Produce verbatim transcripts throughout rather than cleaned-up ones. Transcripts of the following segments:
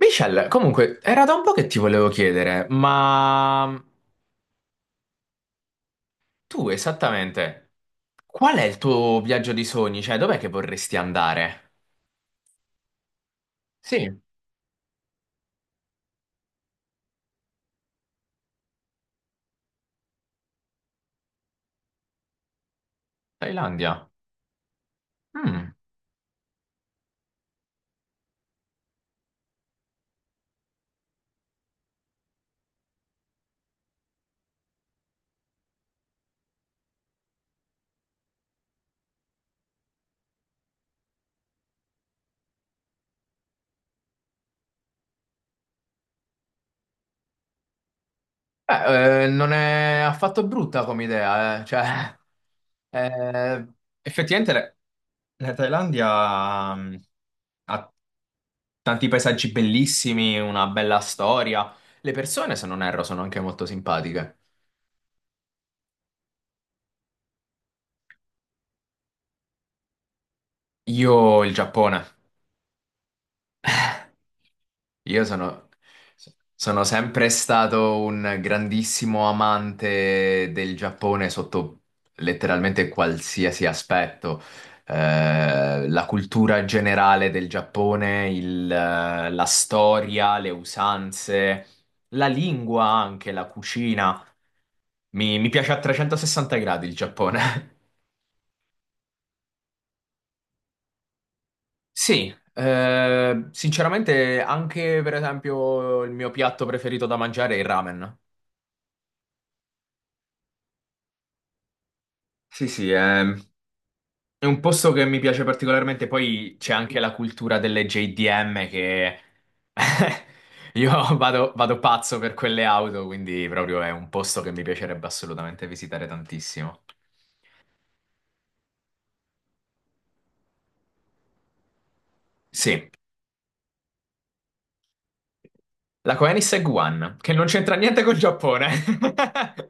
Michelle, comunque, era da un po' che ti volevo chiedere, ma tu esattamente qual è il tuo viaggio di sogni? Cioè, dov'è che vorresti andare? Sì, Thailandia. Mm. Beh, eh, non è affatto brutta come idea, eh. Cioè, eh, effettivamente le- la Thailandia mm, ha tanti paesaggi bellissimi, una bella storia. Le persone, se non erro, sono anche molto simpatiche. Io il Giappone. Io sono, sono sempre stato un grandissimo amante del Giappone sotto letteralmente qualsiasi aspetto. Eh, la cultura generale del Giappone, il, eh, la storia, le usanze, la lingua anche, la cucina. Mi, mi piace a trecentosessanta gradi il Giappone. Sì, eh, sinceramente anche per esempio il mio piatto preferito da mangiare è il ramen. Sì, sì, è, è un posto che mi piace particolarmente. Poi c'è anche la cultura delle J D M che io vado, vado pazzo per quelle auto, quindi proprio è un posto che mi piacerebbe assolutamente visitare tantissimo. Sì, la Koenigsegg One, che non c'entra niente col Giappone.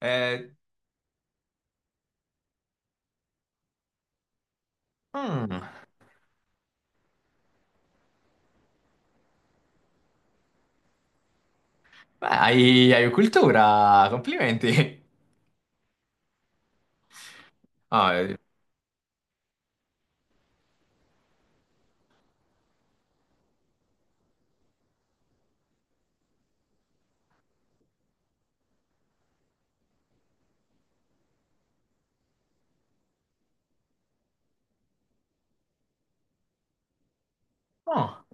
Eh, mm, beh, hai, hai cultura, complimenti. Ah, eh, oh.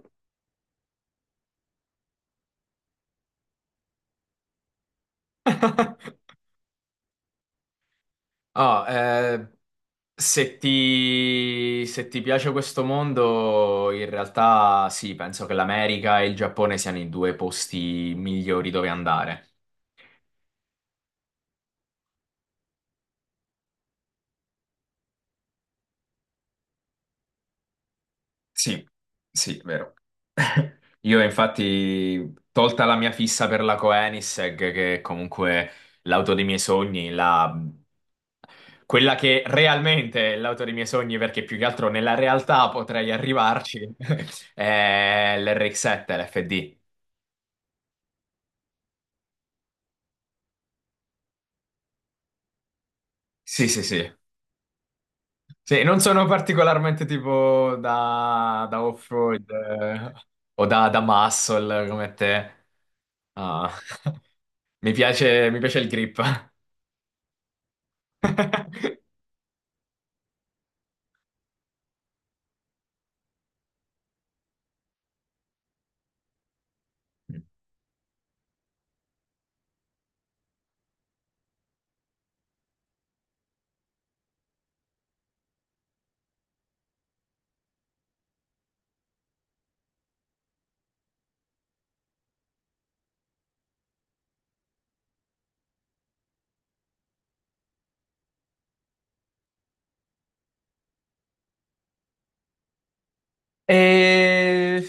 Ah, eh, se ti, se ti piace questo mondo, in realtà sì, penso che l'America e il Giappone siano i due posti migliori dove andare. Sì, sì, vero. Io infatti, tolta la mia fissa per la Koenigsegg, che è comunque l'auto dei miei sogni, la- quella che realmente è l'auto dei miei sogni, perché più che altro nella realtà potrei arrivarci, è l'R X sette, l'F D. Sì, sì, sì. Sì, non sono particolarmente tipo da, da off-road eh, o da, da muscle come te. Ah. Mi piace, mi piace il grip. E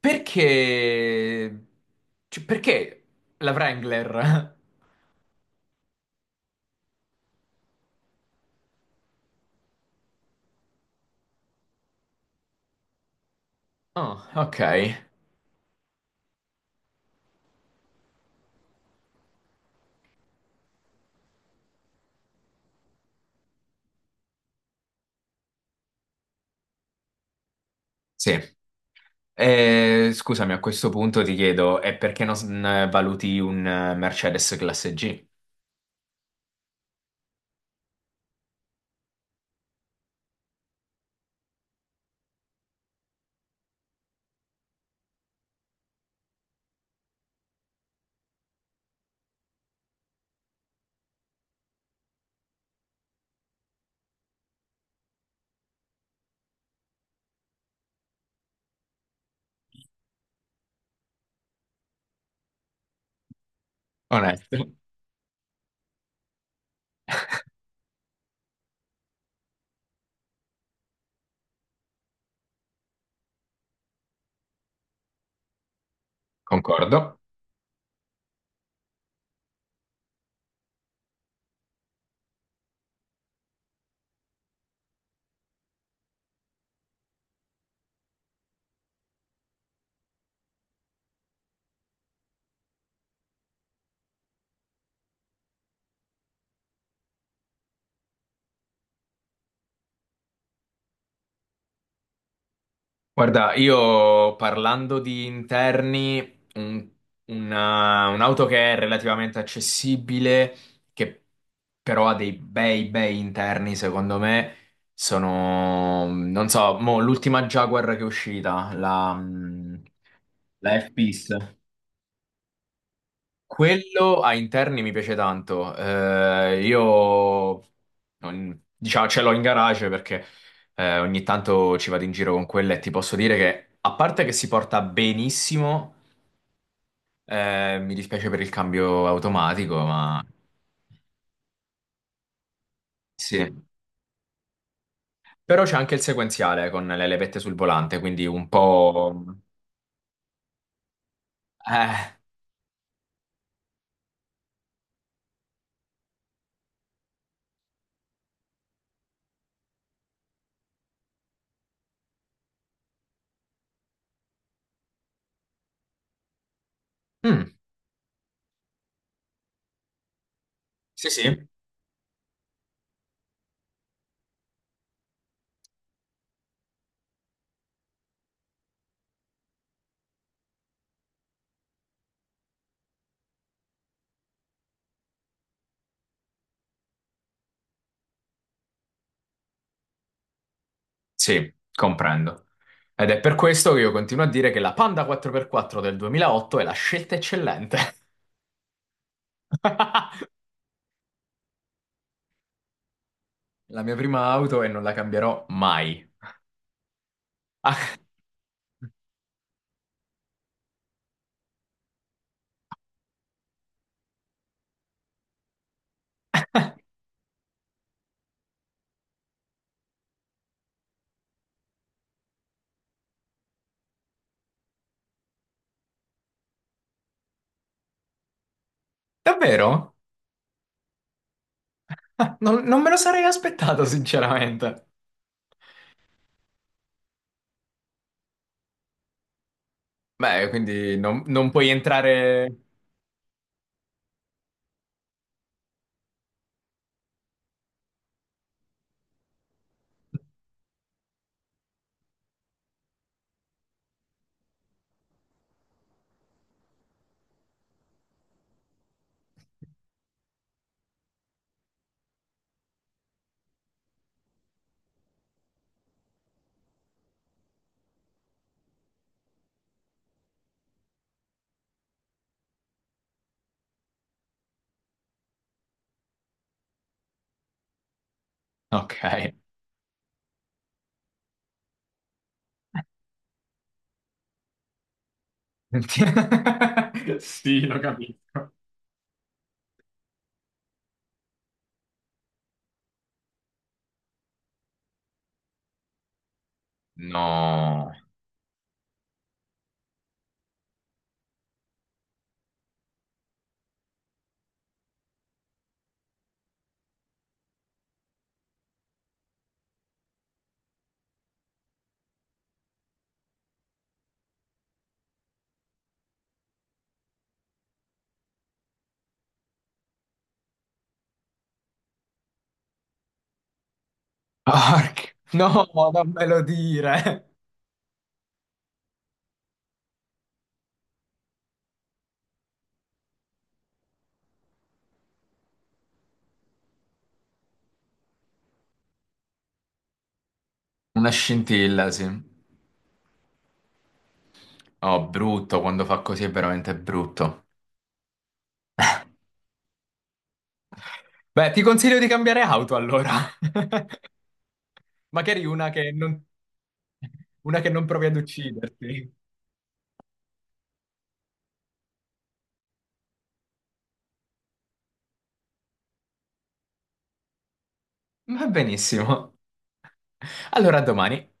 perché? Cioè, perché la Wrangler? Oh, ok. Sì. Eh, scusami, a questo punto ti chiedo, è perché non s- n- valuti un eh, Mercedes classe G? Onesto. Concordo. Guarda, io parlando di interni, un- una- un'auto che è relativamente accessibile, che però ha dei bei, bei interni, secondo me, sono, non so, mo, l'ultima Jaguar che è uscita, la, mm, la F-Pace. Quello a interni mi piace tanto. Eh, io non- diciamo, ce l'ho in garage perché eh, ogni tanto ci vado in giro con quella e ti posso dire che, a parte che si porta benissimo, eh, mi dispiace per il cambio automatico, ma sì. Però c'è anche il sequenziale con le levette sul volante, quindi un po'... eh, mm, sì, sì. Sì, comprendo. Ed è per questo che io continuo a dire che la Panda quattro per quattro del duemilaotto è la scelta eccellente. La mia prima auto e non la cambierò mai. Ah, davvero? Ah, non, non me lo sarei aspettato, sinceramente. Beh, quindi non, non puoi entrare... Ok. Sì, lo capisco. No. Porca- No, non me lo dire. Una scintilla, sì. Oh, brutto, quando fa così è veramente brutto. Beh, ti consiglio di cambiare auto allora. Magari una che non, una che non provi ad ucciderti. Va benissimo. Allora, a domani.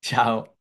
Ciao.